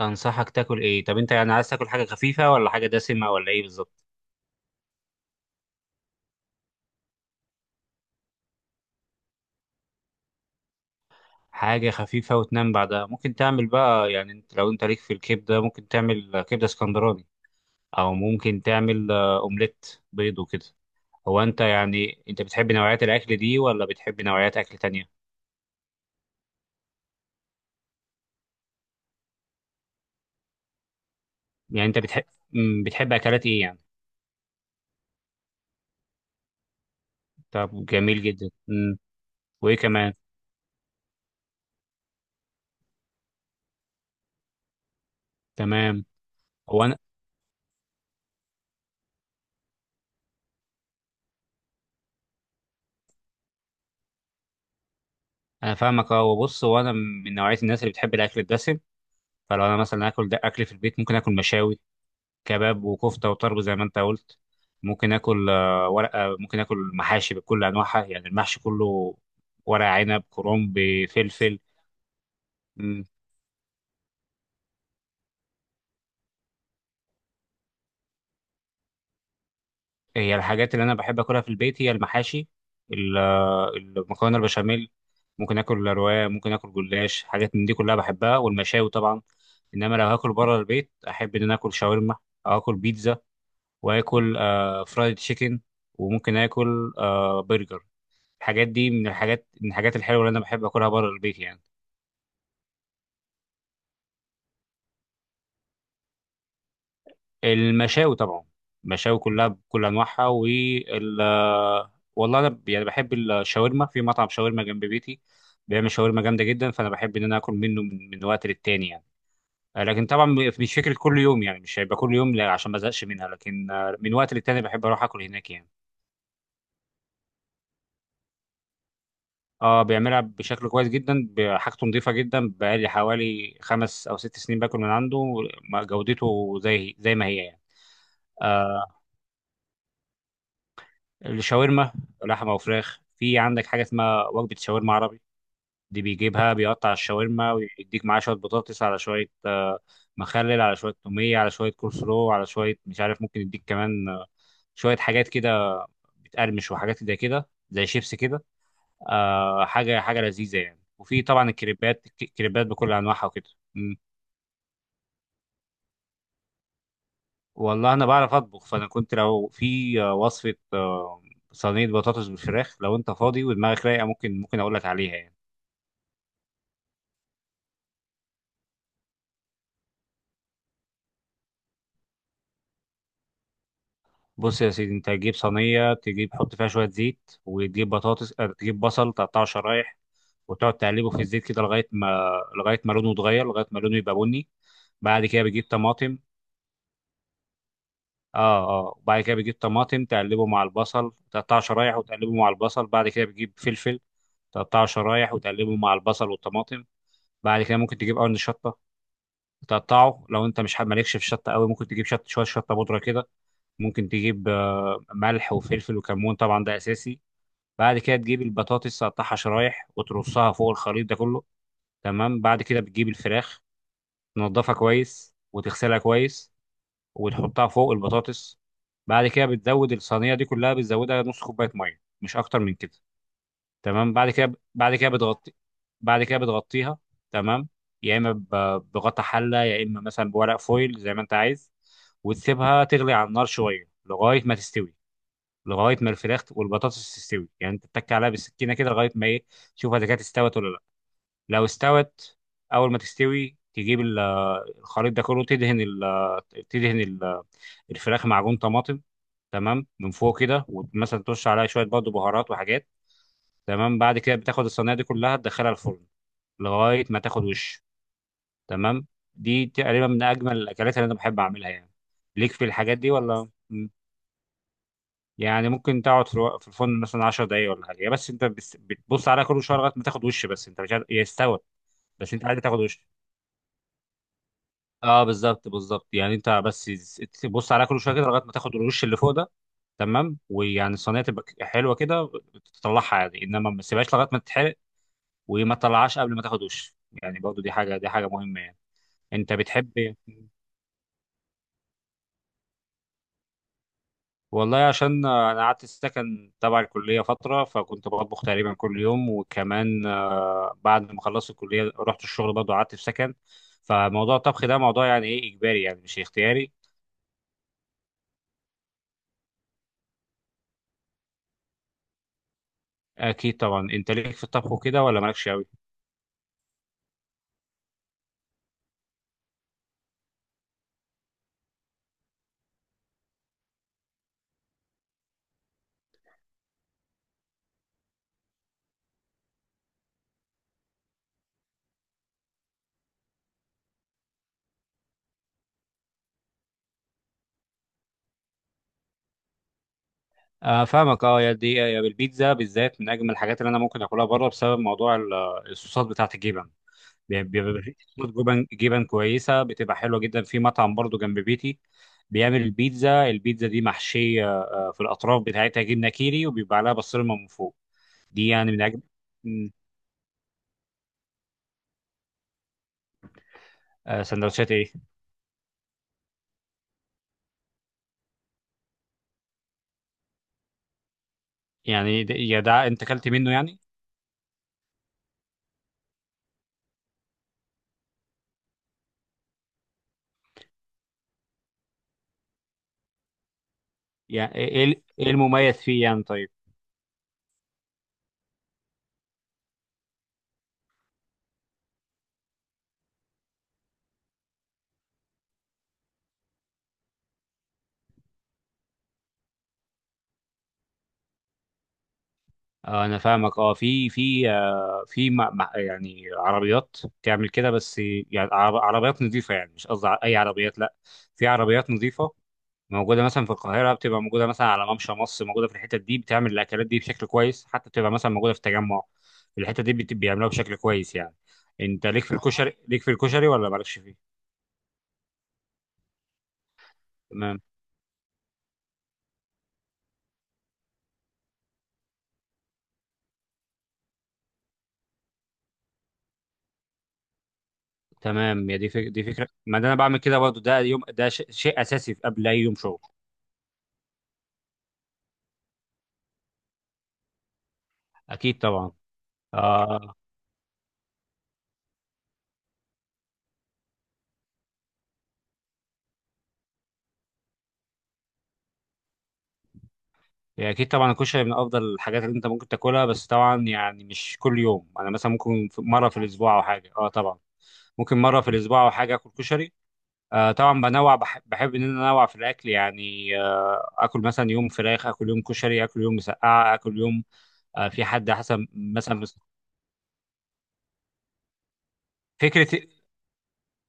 انصحك تاكل ايه؟ طب انت يعني عايز تاكل حاجه خفيفه ولا حاجه دسمه ولا ايه بالظبط؟ حاجه خفيفه وتنام بعدها. ممكن تعمل بقى، يعني لو انت ليك في الكبده، ممكن تعمل كبده اسكندراني، او ممكن تعمل اومليت بيض وكده. هو انت، يعني انت بتحب نوعيات الاكل دي ولا بتحب نوعيات اكل تانية؟ يعني انت بتحب، بتحب اكلات ايه يعني؟ طب جميل جدا. مم. وايه كمان؟ تمام. هو انا انا فاهمك، اه، وبص، هو انا من نوعيه الناس اللي بتحب الاكل الدسم. فلو انا مثلا اكل، ده اكل في البيت ممكن اكل مشاوي، كباب وكفته وطرب زي ما انت قلت. ممكن اكل ورقه، ممكن اكل محاشي بكل انواعها، يعني المحشي كله، ورق عنب، كرنب، فلفل. مم. هي الحاجات اللي انا بحب اكلها في البيت هي المحاشي، المكرونه، البشاميل. ممكن اكل رواية، ممكن اكل جلاش، حاجات من دي كلها بحبها، والمشاوي طبعا. انما لو هاكل بره البيت، احب ان انا اكل شاورما، او اكل بيتزا، واكل فرايد تشيكن، وممكن اكل برجر. الحاجات دي من الحاجات الحلوه اللي انا بحب اكلها بره البيت يعني. المشاوي طبعا، المشاوي كلها بكل انواعها والله انا يعني بحب الشاورما في مطعم شاورما جنب بيتي. بيعمل شاورما جامده جدا، فانا بحب ان انا اكل منه من وقت للتاني يعني. لكن طبعا مش فكره كل يوم، يعني مش هيبقى كل يوم، لا، عشان ما ازهقش منها. لكن من وقت للتاني بحب اروح اكل هناك يعني. اه، بيعملها بشكل كويس جدا، حاجته نظيفه جدا. بقالي حوالي 5 أو 6 سنين باكل من عنده. جودته زي ما هي يعني. آه الشاورما، لحمه وفراخ. في عندك حاجه اسمها وجبه شاورما عربي. دي بيجيبها، بيقطع الشاورما ويديك معاها شويه بطاطس، على شويه مخلل، على شويه توميه، على شويه كول سلو، على شويه مش عارف، ممكن يديك كمان شويه حاجات كده، بتقرمش، وحاجات زي كده زي شيبس كده. حاجه حاجه لذيذه يعني. وفي طبعا الكريبات، الكريبات بكل انواعها وكده. مم. والله انا بعرف اطبخ. فانا كنت لو في وصفه صينيه بطاطس بالفراخ، لو انت فاضي ودماغك رايقه، ممكن اقول لك عليها يعني. بص يا سيدي، انت هتجيب صينيه، تجيب حط فيها شويه زيت، وتجيب بطاطس، تجيب بصل تقطعه شرايح، وتقعد تقلبه في الزيت كده، لغايه ما لونه يتغير، لغايه ما لونه يبقى بني. بعد كده بتجيب طماطم. اه، اه. وبعد كده بتجيب طماطم، تقلبه مع البصل، تقطعه شرايح وتقلبه مع البصل. بعد كده بتجيب فلفل، تقطعه شرايح وتقلبه مع البصل والطماطم. بعد كده ممكن تجيب قرن شطه، تقطعه. لو انت مش مالكش في الشطه قوي، ممكن تجيب شويه شطه بودره كده. ممكن تجيب ملح وفلفل وكمون، طبعا ده اساسي. بعد كده تجيب البطاطس تقطعها شرايح وترصها فوق الخليط ده كله. تمام. بعد كده بتجيب الفراخ، تنضفها كويس وتغسلها كويس، وتحطها فوق البطاطس. بعد كده بتزود الصينية دي كلها، بتزودها نص كوباية مية مش أكتر من كده. تمام. بعد كده بعد كده بتغطيها. تمام. يا إما بغطا حلة، يا إما مثلا بورق فويل، زي ما أنت عايز. وتسيبها تغلي على النار شوية لغاية ما تستوي، لغايه ما الفراخ والبطاطس تستوي، يعني انت تتك عليها بالسكينه كده لغايه ما ايه، تشوف اذا كانت استوت ولا لا. لو استوت، اول ما تستوي تجيب الخليط ده كله، تدهن الفراخ معجون طماطم. تمام، من فوق كده، ومثلا ترش عليها شويه برضه بهارات وحاجات. تمام. بعد كده بتاخد الصينيه دي كلها تدخلها الفرن لغايه ما تاخد وش. تمام. دي تقريبا من اجمل الاكلات اللي انا بحب اعملها يعني. ليك في الحاجات دي ولا؟ يعني ممكن تقعد في في الفرن مثلا 10 دقايق ولا حاجه، هي بس انت بس بتبص عليها كل شويه لغايه ما تاخد وش، بس انت مش عارف هي استوت. بس انت عايز تاخد وش. اه، بالظبط بالظبط. يعني انت بس تبص عليها كل شويه كده لغايه ما تاخد الوش اللي فوق ده. تمام. ويعني الصينيه تبقى حلوه كده، تطلعها يعني، انما ما تسيبهاش لغايه ما تتحرق، وما تطلعهاش قبل ما تاخد وش. يعني برضو دي حاجه مهمه يعني. انت بتحب إيه؟ والله عشان انا قعدت السكن تبع الكليه فتره، فكنت بطبخ تقريبا كل يوم. وكمان بعد ما خلصت الكليه رحت الشغل برضه، قعدت في سكن. فموضوع الطبخ ده موضوع يعني ايه، اجباري يعني مش اختياري. اكيد طبعا. انت ليك في الطبخ وكده ولا مالكش قوي؟ آه، فاهمك، اه. يا دي يا البيتزا بالذات من اجمل الحاجات اللي انا ممكن اكلها بره، بسبب موضوع الصوصات بتاعه الجبن. بيبقى في صوصات جبن جبن كويسه، بتبقى حلوه جدا في مطعم برضه جنب بيتي. بيعمل البيتزا، البيتزا دي محشيه في الاطراف بتاعتها جبنه كيري، وبيبقى عليها بسطرمه من فوق. دي يعني من اجمل. مم. سندوتشات ايه يعني؟ يا ده انت اكلت منه يعني؟ يعني ايه ايه المميز فيه يعني؟ طيب. انا فاهمك، اه. في يعني عربيات تعمل كده. بس يعني عربيات نظيفه، يعني مش قصدي اي عربيات، لا، في عربيات نظيفه موجوده مثلا في القاهره، بتبقى موجوده مثلا على ممشى مصر، موجوده في الحتت دي بتعمل الاكلات دي بشكل كويس، بتبقى مثلا موجوده في التجمع. الحته دي بيعملوها بشكل كويس يعني. انت ليك في الكشري ولا مالكش فيه؟ تمام، تمام. يا دي دي فكره، ما ده انا بعمل كده برضو، ده يوم ده شيء اساسي في قبل اي يوم شغل. اكيد طبعا آه اكيد طبعا الكشري من افضل الحاجات اللي انت ممكن تاكلها، بس طبعا يعني مش كل يوم، انا مثلا ممكن مره في الاسبوع او حاجه. اه، طبعا. ممكن مره في الاسبوع او حاجه، اكل كشري. طبعا، بحب ان انا انوع في الاكل يعني. اكل مثلا يوم فراخ، اكل يوم كشري، اكل يوم مسقعه، اكل يوم. في حد حسب مثلا. فكره،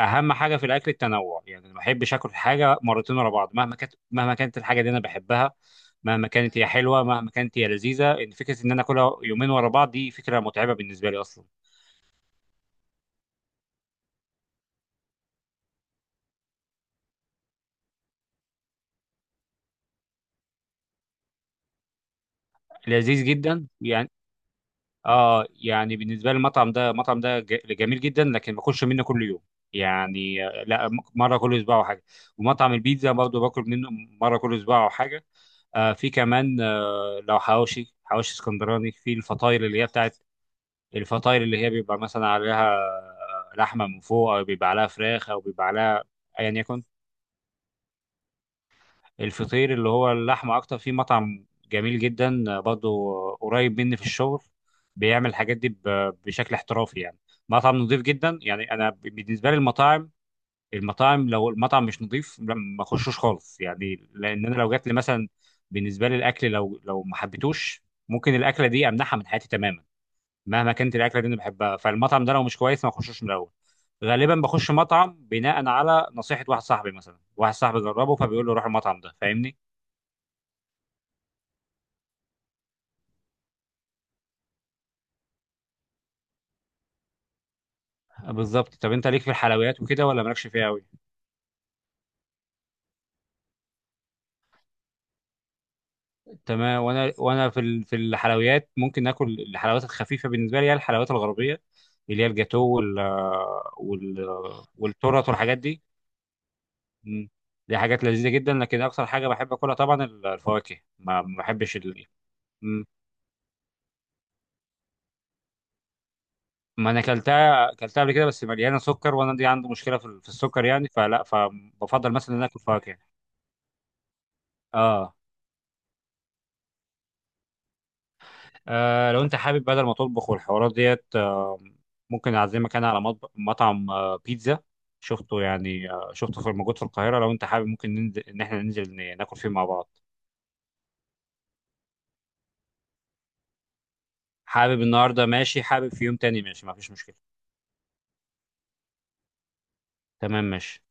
اهم حاجه في الاكل التنوع. يعني ما بحبش اكل حاجه مرتين ورا بعض، مهما كانت الحاجه دي انا بحبها. مهما كانت هي حلوه، مهما كانت هي لذيذه، ان فكره ان انا اكلها يومين ورا بعض دي فكره متعبه بالنسبه لي اصلا. لذيذ جدا يعني. اه، يعني بالنسبه لي المطعم ده جميل جدا، لكن ما باكلش منه كل يوم. يعني لا، مره كل اسبوع او حاجه. ومطعم البيتزا برضه باكل منه مره كل اسبوع او حاجه. في كمان لو حواوشي حواوشي اسكندراني، في الفطاير اللي هي بتاعت الفطاير، اللي هي بيبقى مثلا عليها لحمه من فوق، او بيبقى عليها فراخ، او بيبقى عليها، ايا يكن. الفطير اللي هو اللحمه اكتر. في مطعم جميل جدا برضه قريب مني في الشغل، بيعمل الحاجات دي بشكل احترافي يعني. مطعم نظيف جدا يعني. انا بالنسبه لي المطاعم، لو المطعم مش نظيف، لا، ما اخشوش خالص يعني، لان انا لو جات لي مثلا، بالنسبه لي الاكل لو ما حبيتوش، ممكن الاكله دي امنعها من حياتي تماما. مهما كانت الاكله دي انا بحبها، فالمطعم ده لو مش كويس ما اخشوش من الاول. غالبا بخش مطعم بناء على نصيحه، واحد صاحبي مثلا واحد صاحبي جربه، فبيقول له روح المطعم ده، فاهمني. بالظبط. طب انت ليك في الحلويات وكده ولا مالكش فيها قوي؟ تمام. وانا في في الحلويات ممكن اكل الحلويات الخفيفه. بالنسبه لي هي الحلويات الغربيه، اللي هي الجاتو وال والتورت والحاجات دي. مم. دي حاجات لذيذه جدا. لكن اكثر حاجه بحب اكلها طبعا الفواكه. ما بحبش ما انا اكلتها قبل كده، بس مليانه سكر، وانا دي عندي مشكله في السكر يعني، فلا، فبفضل مثلا ان أنا اكل فواكه. اه. لو انت حابب بدل ما تطبخ والحوارات ديت، ممكن اعزمك انا على مطعم بيتزا شفته يعني، شفته في موجود في القاهره. لو انت حابب ممكن ننزل، ان احنا ننزل ناكل فيه مع بعض. حابب النهارده ماشي، حابب في يوم تاني ماشي، ما فيش مشكله. تمام ماشي.